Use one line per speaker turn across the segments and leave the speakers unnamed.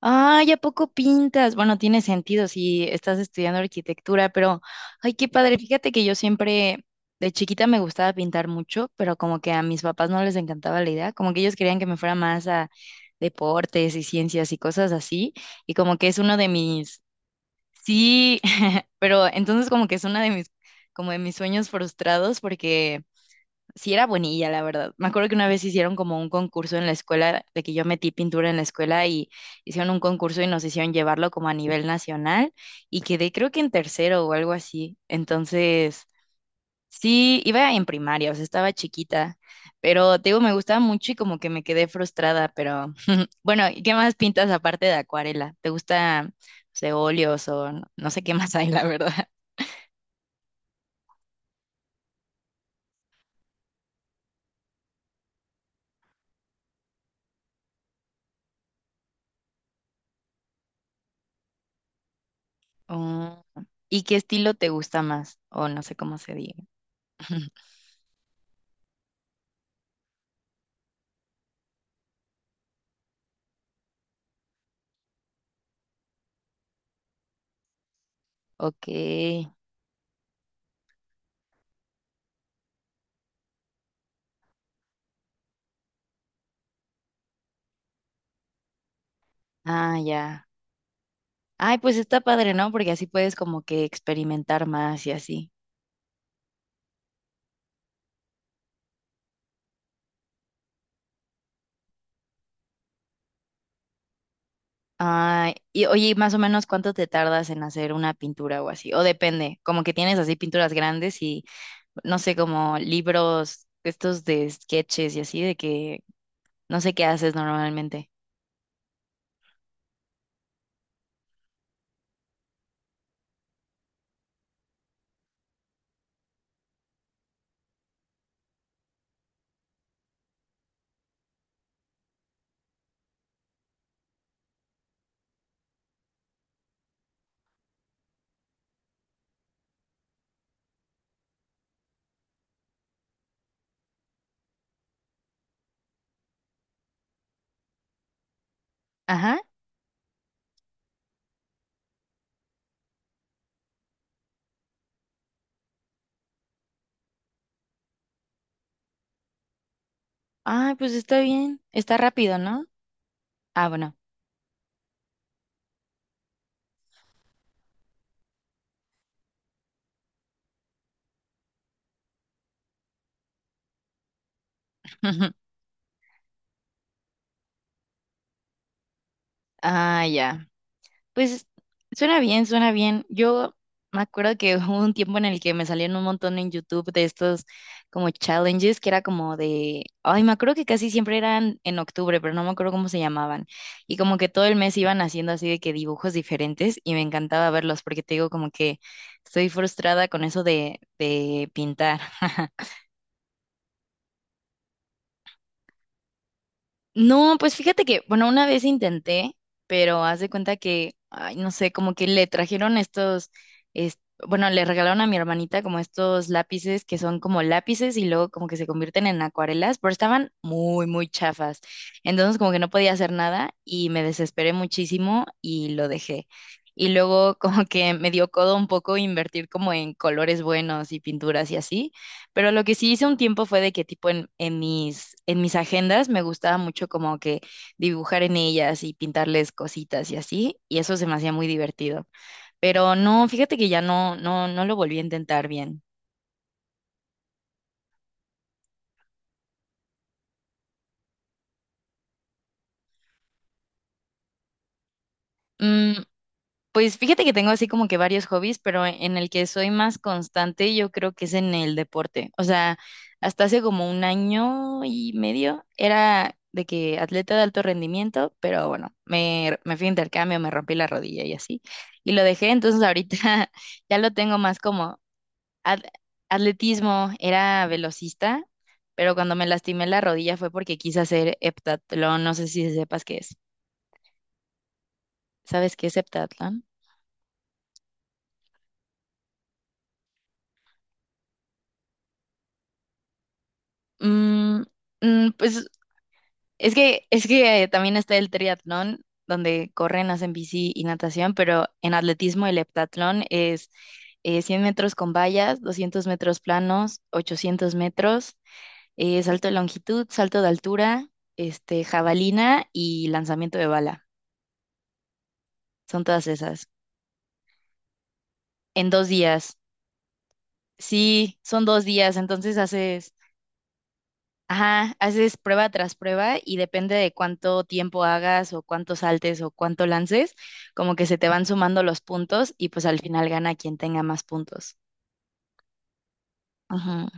Ay, ¿a poco pintas? Bueno, tiene sentido si estás estudiando arquitectura, pero ay, qué padre. Fíjate que yo siempre de chiquita me gustaba pintar mucho, pero como que a mis papás no les encantaba la idea, como que ellos querían que me fuera más a deportes y ciencias y cosas así, y como que es uno de mis sí, pero entonces como que es uno de mis como de mis sueños frustrados porque sí era buenilla, la verdad. Me acuerdo que una vez hicieron como un concurso en la escuela, de que yo metí pintura en la escuela y hicieron un concurso y nos hicieron llevarlo como a nivel nacional y quedé creo que en tercero o algo así. Entonces, sí, iba en primaria, o sea, estaba chiquita, pero te digo, me gustaba mucho y como que me quedé frustrada, pero bueno, ¿y qué más pintas aparte de acuarela? ¿Te gusta, no sé, óleos o no sé qué más hay, la verdad? Oh, ¿y qué estilo te gusta más? O no sé cómo se diga. Ok, ah, ya. Ay, pues está padre, ¿no? Porque así puedes como que experimentar más y así. Ay, y oye, más o menos cuánto te tardas en hacer una pintura o así, o depende, como que tienes así pinturas grandes y no sé, como libros estos de sketches y así, de que no sé qué haces normalmente. Ajá. Ay, pues está bien, está rápido, ¿no? Ah, bueno. Ah, ya. Pues suena bien, suena bien. Yo me acuerdo que hubo un tiempo en el que me salían un montón en YouTube de estos como challenges que era como de, ay, me acuerdo que casi siempre eran en octubre, pero no me acuerdo cómo se llamaban. Y como que todo el mes iban haciendo así de que dibujos diferentes y me encantaba verlos porque te digo como que estoy frustrada con eso de pintar. No, pues fíjate que, bueno, una vez intenté, pero haz de cuenta que, ay, no sé, como que le trajeron estos, es- bueno, le regalaron a mi hermanita como estos lápices que son como lápices y luego como que se convierten en acuarelas, pero estaban muy, muy chafas. Entonces como que no podía hacer nada y me desesperé muchísimo y lo dejé. Y luego como que me dio codo un poco invertir como en colores buenos y pinturas y así. Pero lo que sí hice un tiempo fue de que tipo en mis, en mis agendas me gustaba mucho como que dibujar en ellas y pintarles cositas y así, y eso se me hacía muy divertido. Pero no, fíjate que ya no, no, no lo volví a intentar bien. Mm, Pues fíjate que tengo así como que varios hobbies, pero en el que soy más constante yo creo que es en el deporte. O sea, hasta hace como un año y medio era de que atleta de alto rendimiento, pero bueno, me fui a intercambio, me rompí la rodilla y así. Y lo dejé, entonces ahorita ya lo tengo más como at- atletismo, era velocista, pero cuando me lastimé la rodilla fue porque quise hacer heptatlón, no sé si sepas qué es. ¿Sabes qué es heptatlón? Mm, mm, pues Es que también está el triatlón, donde corren, hacen bici y natación, pero en atletismo el heptatlón es 100 metros con vallas, 200 metros planos, 800 metros, salto de longitud, salto de altura, este, jabalina y lanzamiento de bala. Son todas esas. En dos días. Sí, son dos días, entonces haces ajá, haces prueba tras prueba y depende de cuánto tiempo hagas o cuánto saltes o cuánto lances, como que se te van sumando los puntos y pues al final gana quien tenga más puntos. Ajá.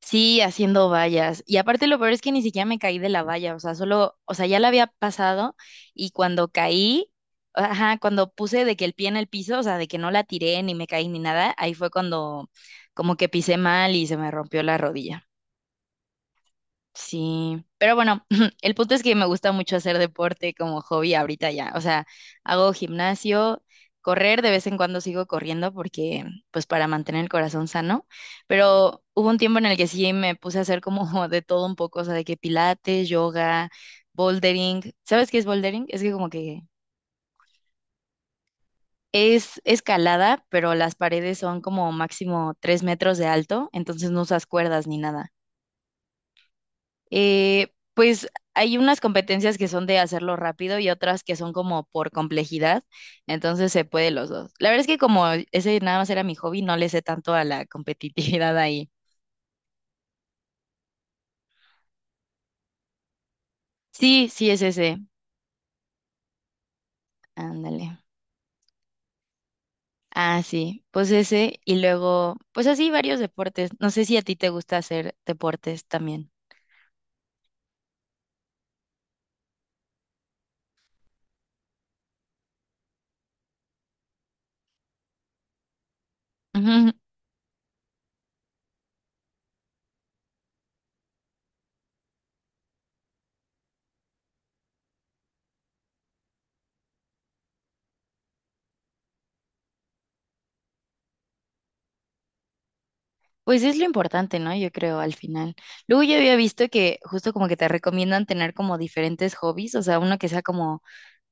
Sí, haciendo vallas. Y aparte lo peor es que ni siquiera me caí de la valla, o sea, solo, o sea, ya la había pasado y cuando caí, ajá, cuando puse de que el pie en el piso, o sea, de que no la tiré ni me caí ni nada, ahí fue cuando como que pisé mal y se me rompió la rodilla. Sí, pero bueno, el punto es que me gusta mucho hacer deporte como hobby ahorita ya. O sea, hago gimnasio, correr, de vez en cuando sigo corriendo porque, pues para mantener el corazón sano. Pero hubo un tiempo en el que sí me puse a hacer como de todo un poco, o sea, de que pilates, yoga, bouldering. ¿Sabes qué es bouldering? Es que como que es escalada, pero las paredes son como máximo 3 metros de alto, entonces no usas cuerdas ni nada. Pues hay unas competencias que son de hacerlo rápido y otras que son como por complejidad, entonces se puede los dos. La verdad es que como ese nada más era mi hobby, no le sé tanto a la competitividad ahí. Sí, sí es ese. Ándale. Ah, sí, pues ese y luego, pues así varios deportes. No sé si a ti te gusta hacer deportes también. Ujú. Pues es lo importante, ¿no? Yo creo al final. Luego yo había visto que justo como que te recomiendan tener como diferentes hobbies, o sea, uno que sea como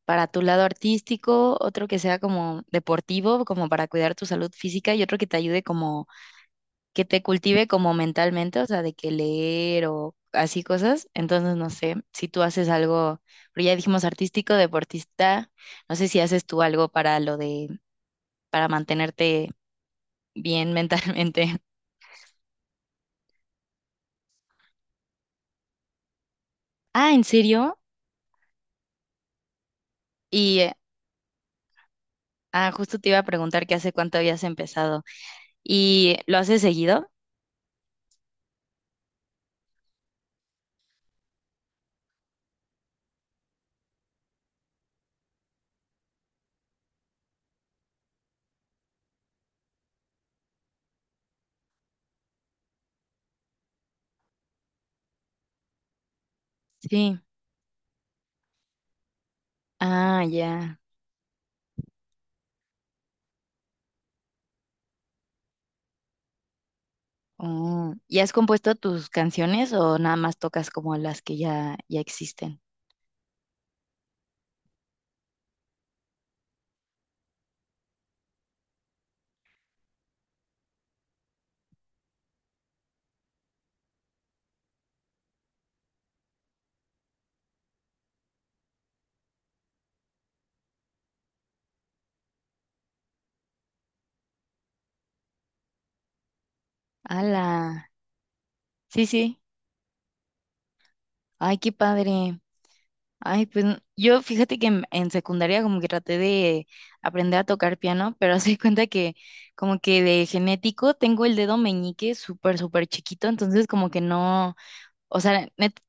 para tu lado artístico, otro que sea como deportivo, como para cuidar tu salud física y otro que te ayude como, que te cultive como mentalmente, o sea, de que leer o así cosas. Entonces, no sé, si tú haces algo, pero ya dijimos artístico, deportista, no sé si haces tú algo para lo para mantenerte bien mentalmente. Ah, ¿en serio? Y, eh, justo te iba a preguntar que hace cuánto habías empezado. ¿Y lo haces seguido? Sí. Ah, ya. Oh, ¿y has compuesto tus canciones o nada más tocas como las que ya existen? ¡Hala! Sí, sí. Ay, qué padre. Ay, pues yo fíjate que en secundaria como que traté de aprender a tocar piano, pero se cuenta que como que de genético tengo el dedo meñique súper, súper chiquito, entonces como que no, o sea,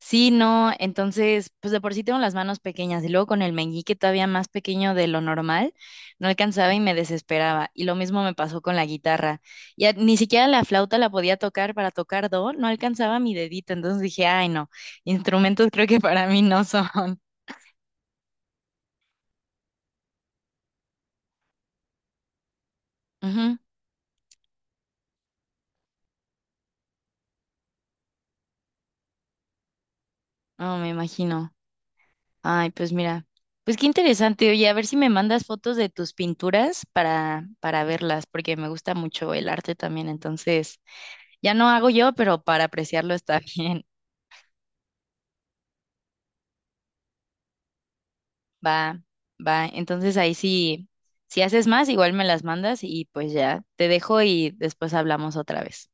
sí, no, entonces, pues de por sí tengo las manos pequeñas y luego con el meñique todavía más pequeño de lo normal, no alcanzaba y me desesperaba. Y lo mismo me pasó con la guitarra. Ya ni siquiera la flauta la podía tocar para tocar do, no alcanzaba mi dedito. Entonces dije, ay, no, instrumentos creo que para mí no son. Ujú, no, me imagino. Ay, pues mira, pues qué interesante. Oye, a ver si me mandas fotos de tus pinturas para verlas, porque me gusta mucho el arte también, entonces. Ya no hago yo, pero para apreciarlo está bien. Va, va. Entonces ahí sí, si haces más, igual me las mandas y pues ya te dejo y después hablamos otra vez.